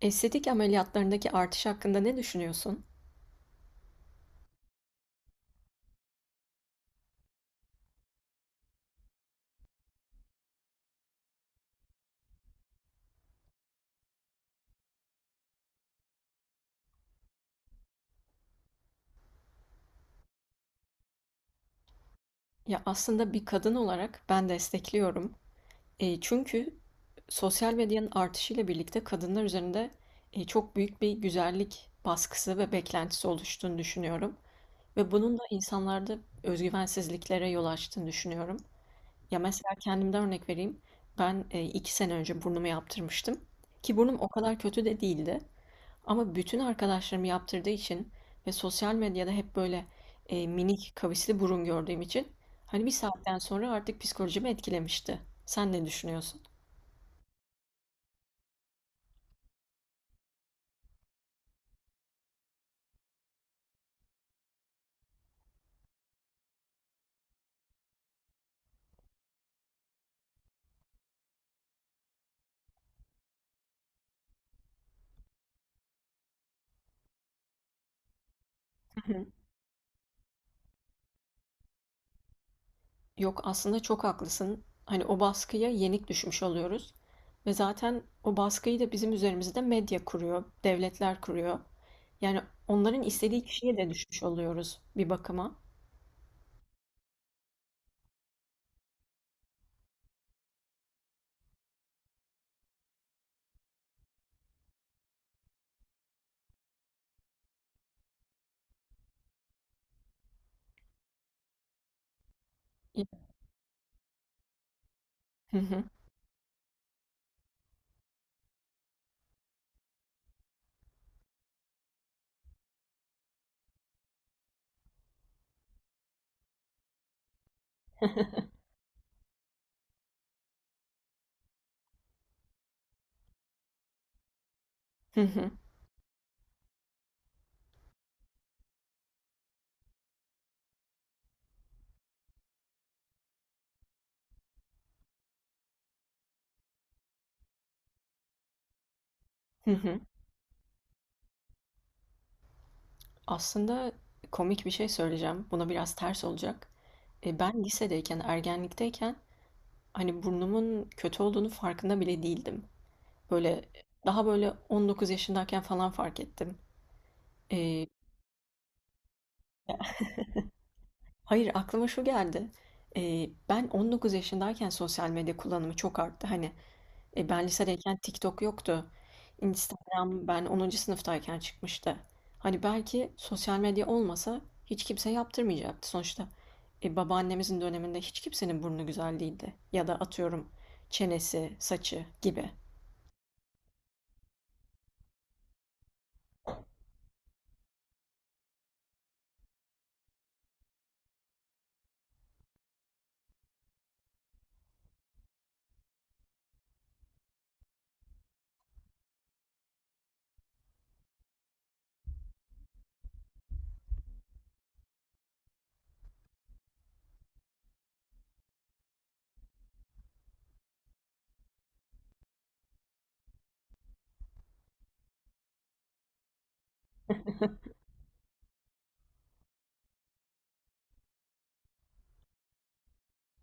Estetik ameliyatlarındaki artış hakkında ne düşünüyorsun? Ya aslında bir kadın olarak ben destekliyorum. Çünkü sosyal medyanın artışıyla birlikte kadınlar üzerinde çok büyük bir güzellik baskısı ve beklentisi oluştuğunu düşünüyorum. Ve bunun da insanlarda özgüvensizliklere yol açtığını düşünüyorum. Ya mesela kendimden örnek vereyim. Ben iki sene önce burnumu yaptırmıştım. Ki burnum o kadar kötü de değildi. Ama bütün arkadaşlarım yaptırdığı için ve sosyal medyada hep böyle, minik kavisli burun gördüğüm için, hani, bir saatten sonra artık psikolojimi etkilemişti. Sen ne düşünüyorsun? Hı hı. Yok, aslında çok haklısın. Hani, o baskıya yenik düşmüş oluyoruz ve zaten o baskıyı da bizim üzerimizde medya kuruyor, devletler kuruyor. Yani onların istediği kişiye de düşmüş oluyoruz bir bakıma. Hı hı. Hı hı. Hı hı. Aslında komik bir şey söyleyeceğim. Buna biraz ters olacak. Ben lisedeyken, ergenlikteyken hani burnumun kötü olduğunu farkında bile değildim. Böyle daha böyle 19 yaşındayken falan fark ettim. E, hayır, aklıma şu geldi. Ben 19 yaşındayken sosyal medya kullanımı çok arttı. Ben lisedeyken TikTok yoktu. Instagram ben onuncu sınıftayken çıkmıştı. Hani belki sosyal medya olmasa hiç kimse yaptırmayacaktı sonuçta. Babaannemizin döneminde hiç kimsenin burnu güzel değildi. Ya da atıyorum, çenesi, saçı gibi.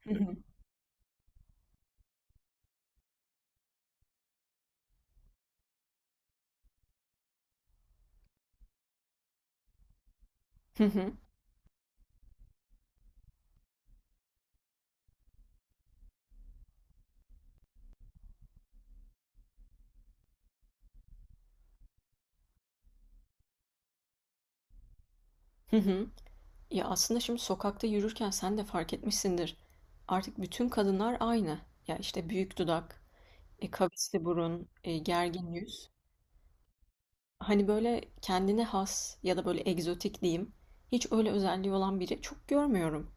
Hı hı. Hı hı. Hı hı. Ya aslında şimdi sokakta yürürken sen de fark etmişsindir. Artık bütün kadınlar aynı. Ya işte büyük dudak, kavisli burun, gergin yüz. Hani, böyle, kendine has ya da, böyle, egzotik diyeyim, hiç öyle özelliği olan biri çok görmüyorum.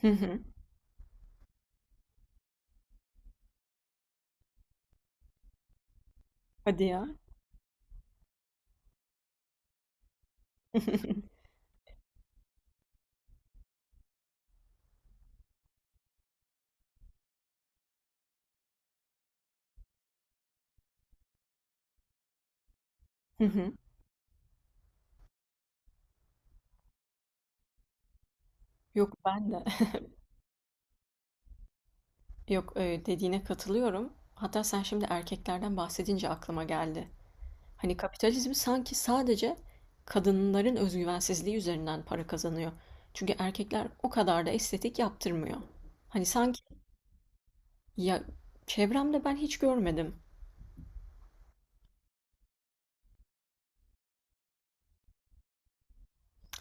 Hı hı. Hadi ya. Hı hı. Yok, ben de. Yok, dediğine katılıyorum. Hatta sen şimdi erkeklerden bahsedince aklıma geldi. Hani, kapitalizm sanki sadece kadınların özgüvensizliği üzerinden para kazanıyor. Çünkü erkekler o kadar da estetik yaptırmıyor. Hani, sanki ya, çevremde ben hiç görmedim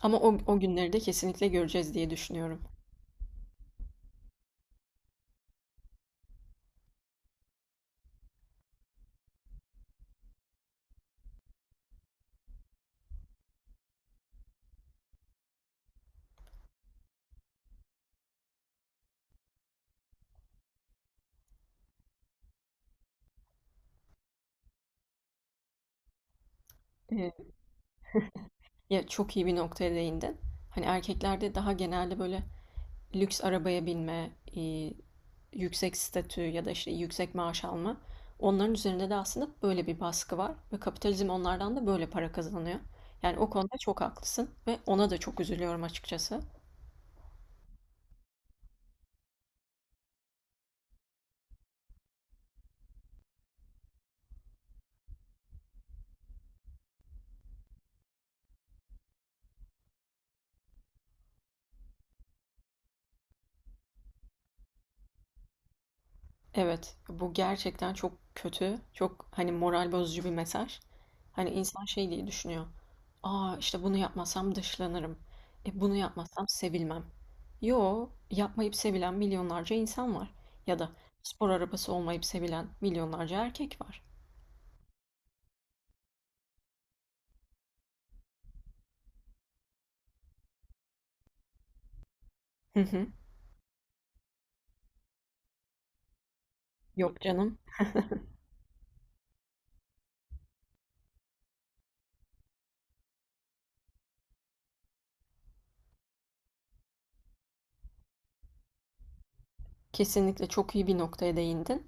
ama o günleri de kesinlikle göreceğiz diye düşünüyorum. Ya çok iyi bir noktaya değindin. Hani erkeklerde daha genelde böyle lüks arabaya binme, e, yüksek statü ya da işte yüksek maaş alma. Onların üzerinde de aslında böyle bir baskı var ve kapitalizm onlardan da böyle para kazanıyor. Yani o konuda çok haklısın ve ona da çok üzülüyorum açıkçası. Evet, bu gerçekten çok kötü, çok hani moral bozucu bir mesaj. Hani insan şey diye düşünüyor. Aa işte bunu yapmasam dışlanırım. E bunu yapmasam sevilmem. Yo, yapmayıp sevilen milyonlarca insan var. Ya da spor arabası olmayıp sevilen milyonlarca erkek var. Hı hı. Yok canım. Kesinlikle çok iyi bir noktaya değindin.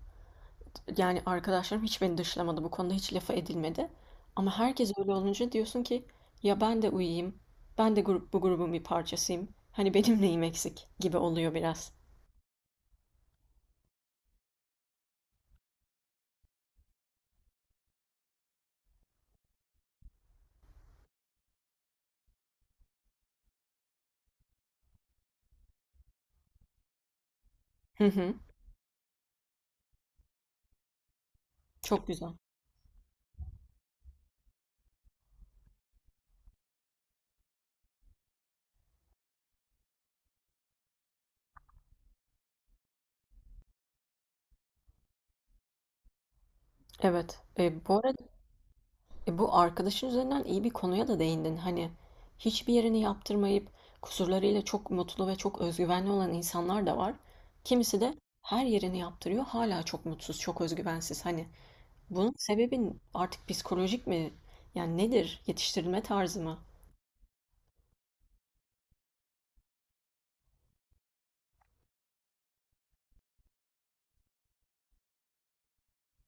Yani arkadaşlarım hiç beni dışlamadı. Bu konuda hiç lafa edilmedi. Ama herkes öyle olunca diyorsun ki ya ben de uyuyayım. Bu grubun bir parçasıyım. Hani benim neyim eksik gibi oluyor biraz. Hı hı. Çok güzel. Evet. Bu arada bu arkadaşın üzerinden iyi bir konuya da değindin. Hani hiçbir yerini yaptırmayıp kusurlarıyla çok mutlu ve çok özgüvenli olan insanlar da var. Kimisi de her yerini yaptırıyor. Hala çok mutsuz, çok özgüvensiz. Hani bunun sebebi artık psikolojik mi? Yani nedir? Yetiştirilme tarzı mı?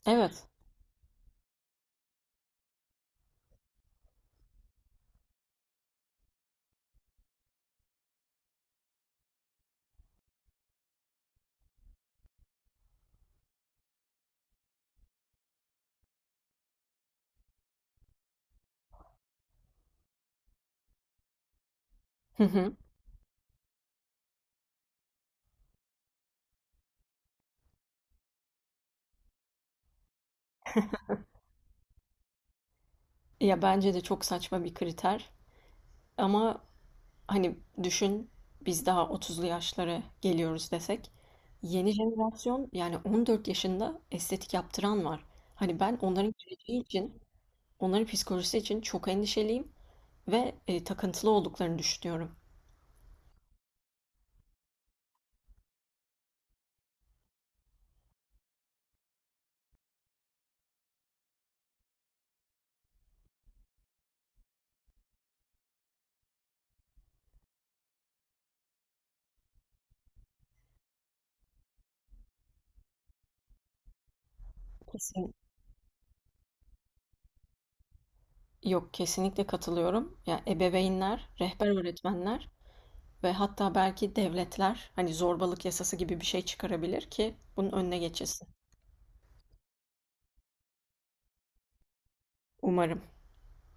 Evet. Hı hı. Ya bence de çok saçma bir kriter. Ama hani düşün, biz daha 30'lu yaşlara geliyoruz desek. Yeni jenerasyon yani 14 yaşında estetik yaptıran var. Hani ben onların geleceği için, onların psikolojisi için çok endişeliyim ve takıntılı olduklarını düşünüyorum. Kesin. Yok, kesinlikle katılıyorum. Ya ebeveynler, rehber öğretmenler ve hatta belki devletler hani zorbalık yasası gibi bir şey çıkarabilir ki bunun önüne geçilsin. Umarım.